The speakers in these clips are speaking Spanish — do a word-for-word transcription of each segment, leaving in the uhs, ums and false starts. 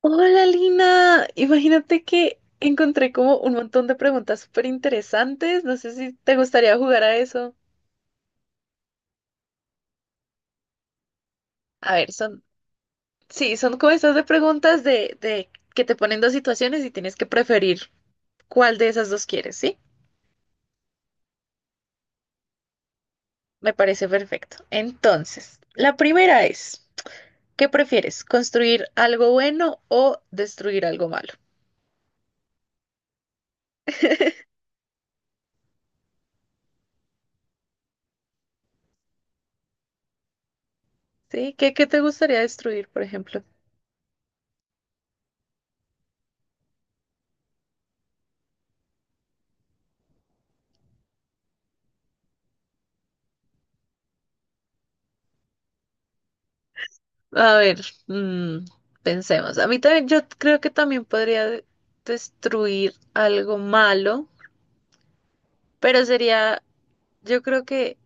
Hola Lina, imagínate que encontré como un montón de preguntas súper interesantes. No sé si te gustaría jugar a eso. A ver, son, sí, son como estas de preguntas de, de que te ponen dos situaciones y tienes que preferir cuál de esas dos quieres, ¿sí? Me parece perfecto. Entonces, la primera es, ¿qué prefieres? ¿Construir algo bueno o destruir algo malo? ¿Sí? ¿Qué, qué te gustaría destruir, por ejemplo? A ver, mm, pensemos. A mí también, yo creo que también podría de- destruir algo malo, pero sería, yo creo que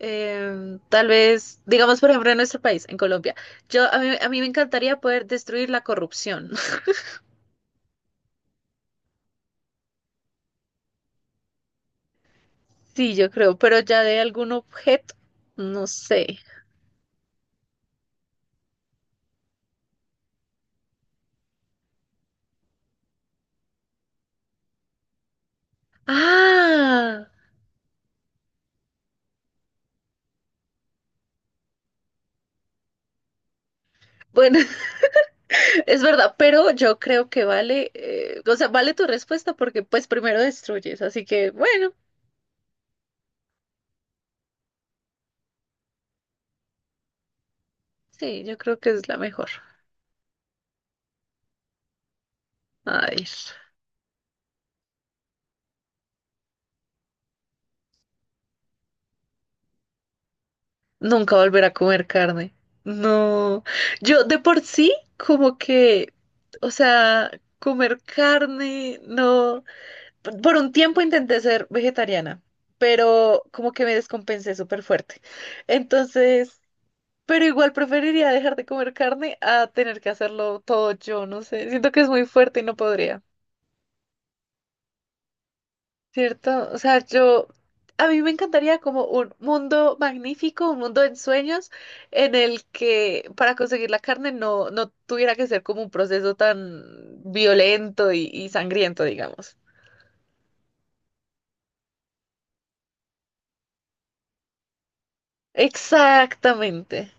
em, tal vez, digamos, por ejemplo, en nuestro país, en Colombia, yo a mí, a mí me encantaría poder destruir la corrupción. Sí, yo creo, pero ya de algún objeto, no sé. Ah, bueno, es verdad, pero yo creo que vale, eh, o sea, vale tu respuesta porque pues primero destruyes, así que bueno. Sí, yo creo que es la mejor. Ay, nunca volver a comer carne. No, yo de por sí como que, o sea, comer carne, no. P- Por un tiempo intenté ser vegetariana, pero como que me descompensé súper fuerte. Entonces, pero igual preferiría dejar de comer carne a tener que hacerlo todo yo, no sé. Siento que es muy fuerte y no podría. ¿Cierto? O sea, yo, a mí me encantaría como un mundo magnífico, un mundo de sueños, en el que para conseguir la carne no, no tuviera que ser como un proceso tan violento y, y sangriento, digamos. Exactamente.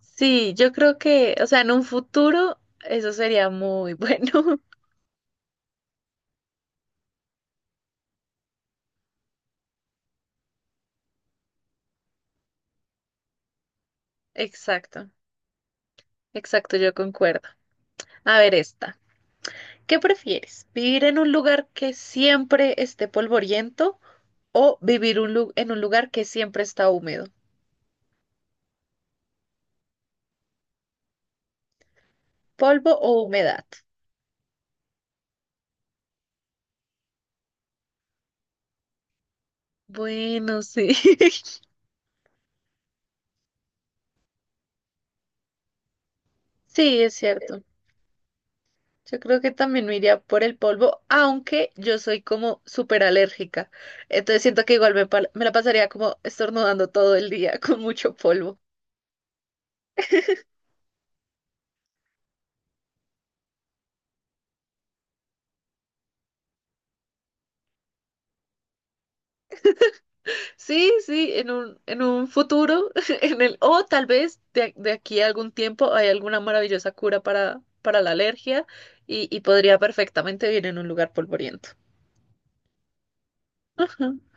Sí, yo creo que, o sea, en un futuro eso sería muy bueno. Exacto, exacto, yo concuerdo. A ver esta. ¿Qué prefieres? ¿Vivir en un lugar que siempre esté polvoriento? O vivir un lu- en un lugar que siempre está húmedo. Polvo o humedad. Bueno, sí. Sí, es cierto. Yo creo que también me iría por el polvo, aunque yo soy como súper alérgica. Entonces siento que igual me, pa- me la pasaría como estornudando todo el día con mucho polvo. Sí, sí, en un, en un futuro, en el, o tal vez de, de aquí a algún tiempo hay alguna maravillosa cura para, para la alergia y, y podría perfectamente vivir en un lugar polvoriento.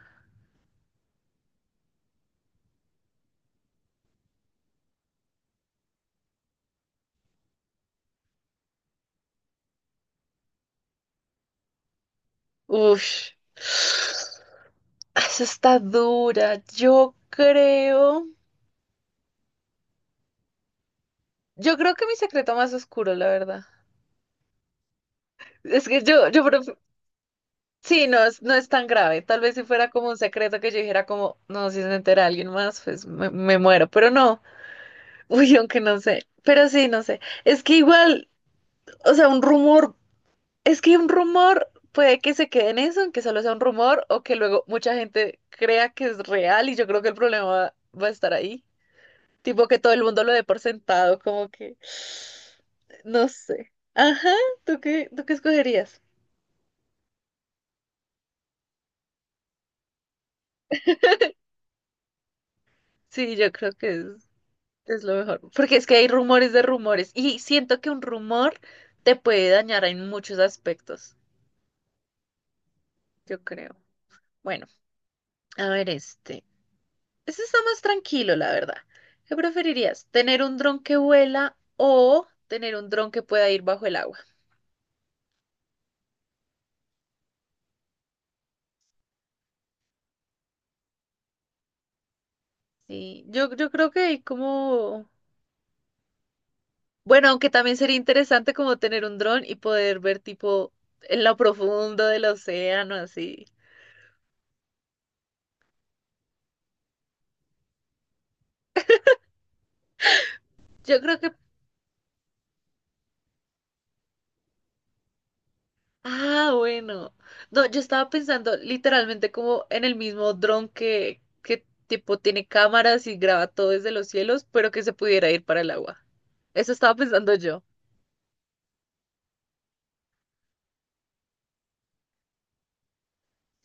Ush. Eso está dura. Yo creo. Yo creo que mi secreto más oscuro, la verdad. Es que yo, yo pref- sí, no es, no es tan grave. Tal vez si fuera como un secreto que yo dijera como, no, si se entera alguien más, pues me, me muero. Pero no, uy, aunque no sé. Pero sí, no sé. Es que igual, o sea, un rumor, es que un rumor puede que se quede en eso, en que solo sea un rumor, o que luego mucha gente crea que es real, y yo creo que el problema va va a estar ahí. Tipo que todo el mundo lo dé por sentado, como que, no sé. Ajá, ¿tú qué, tú qué escogerías? Sí, yo creo que es, es lo mejor. Porque es que hay rumores de rumores. Y siento que un rumor te puede dañar en muchos aspectos, yo creo. Bueno, a ver este. Este está más tranquilo, la verdad. ¿Qué preferirías? ¿Tener un dron que vuela o tener un dron que pueda ir bajo el agua? Sí, yo, yo creo que hay como. Bueno, aunque también sería interesante como tener un dron y poder ver tipo en lo profundo del océano, así. Yo creo que. Ah, bueno. No, yo estaba pensando literalmente como en el mismo dron que, que tipo tiene cámaras y graba todo desde los cielos, pero que se pudiera ir para el agua. Eso estaba pensando yo.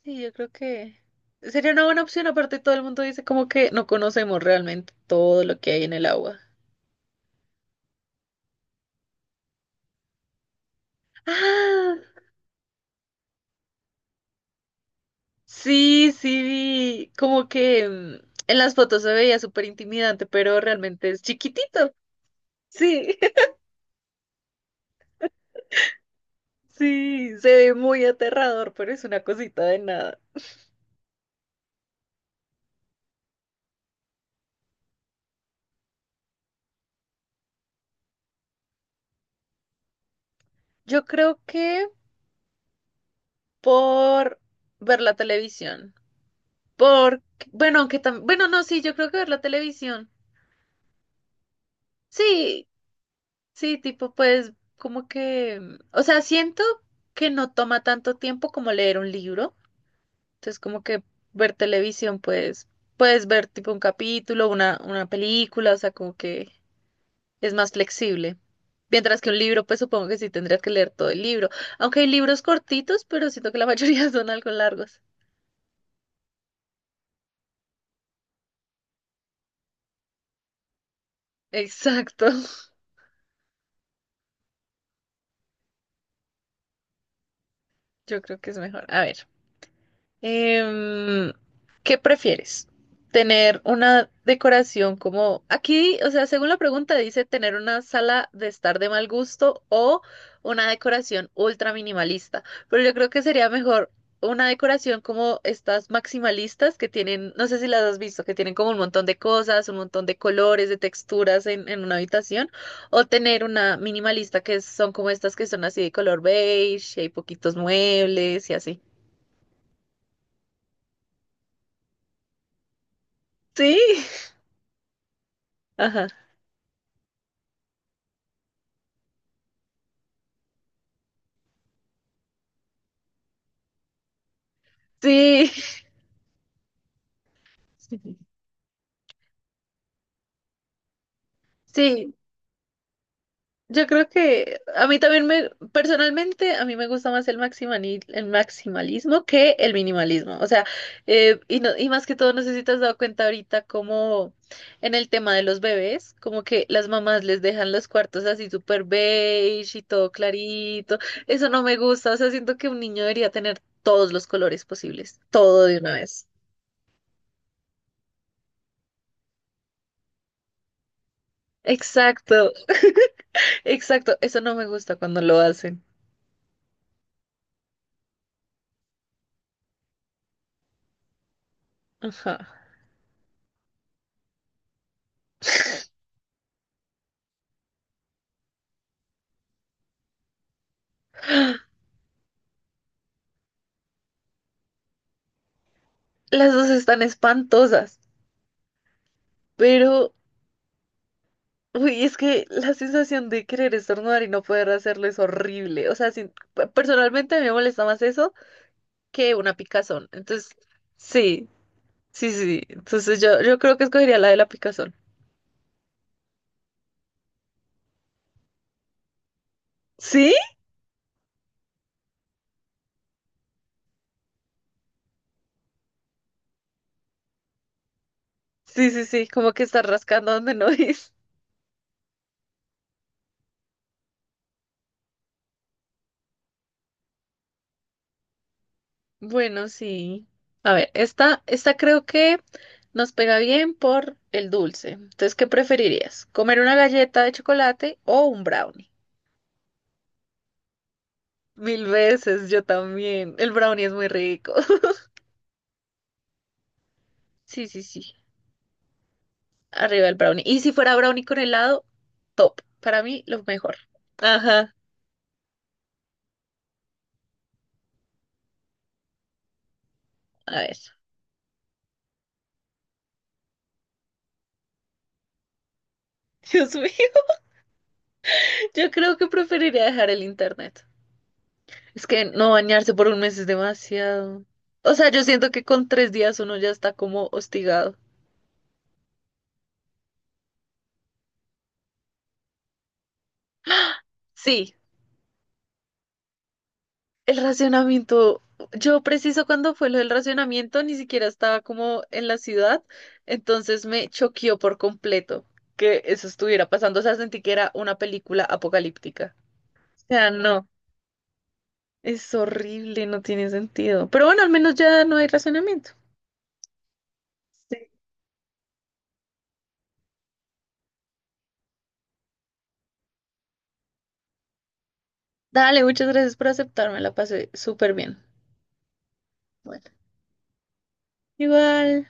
Sí, yo creo que sería una buena opción. Aparte, todo el mundo dice como que no conocemos realmente todo lo que hay en el agua. ¡Ah! Sí, sí, vi, como que mm, en las fotos se veía súper intimidante, pero realmente es chiquitito. Sí, sí, se ve muy aterrador, pero es una cosita de nada. Yo creo que por ver la televisión, por, bueno, aunque también, bueno, no, sí, yo creo que ver la televisión. Sí, sí, tipo, pues, como que, mm, o sea, siento que no toma tanto tiempo como leer un libro. Entonces, como que ver televisión, pues, puedes ver tipo un capítulo, una, una película, o sea, como que es más flexible. Mientras que un libro, pues supongo que sí tendrías que leer todo el libro. Aunque hay libros cortitos, pero siento que la mayoría son algo largos. Exacto. Yo creo que es mejor. A ver. Em, ¿qué prefieres? ¿Tener una decoración como aquí, o sea, según la pregunta dice tener una sala de estar de mal gusto o una decoración ultra minimalista, pero yo creo que sería mejor una decoración como estas maximalistas que tienen, no sé si las has visto, que tienen como un montón de cosas, un montón de colores, de texturas en, en una habitación, o tener una minimalista que son como estas que son así de color beige, y hay poquitos muebles y así. Sí. Ajá. Sí, sí, yo creo que a mí también me, personalmente, a mí me gusta más el maximani- el maximalismo que el minimalismo. O sea, eh, y, no- y más que todo, no sé si te has dado cuenta ahorita como en el tema de los bebés, como que las mamás les dejan los cuartos así súper beige y todo clarito. Eso no me gusta. O sea, siento que un niño debería tener todos los colores posibles, todo de una vez. Exacto, exacto. Eso no me gusta cuando lo hacen. Ajá. Las dos están espantosas, pero uy, es que la sensación de querer estornudar y no poder hacerlo es horrible. O sea, sin- pe- personalmente me molesta más eso que una picazón. Entonces, sí, sí, sí. Entonces yo, yo creo que escogería la de la picazón. ¿Sí? Sí, sí, sí, como que está rascando donde no es. Bueno, sí. A ver, esta, esta creo que nos pega bien por el dulce. Entonces, ¿qué preferirías? ¿Comer una galleta de chocolate o un brownie? Mil veces, yo también. El brownie es muy rico. Sí, sí, sí. Arriba el brownie. Y si fuera brownie con helado, top. Para mí, lo mejor. Ajá. A ver. Dios mío. Yo creo que preferiría dejar el internet. Es que no bañarse por un mes es demasiado. O sea, yo siento que con tres días uno ya está como hostigado. Sí, El racionamiento, yo preciso cuando fue lo del racionamiento, ni siquiera estaba como en la ciudad, entonces me choqueó por completo que eso estuviera pasando, o sea, sentí que era una película apocalíptica. O sea, no, es horrible, no tiene sentido. Pero bueno, al menos ya no hay racionamiento. Sí. Dale, muchas gracias por aceptarme, la pasé súper bien. Bueno, igual.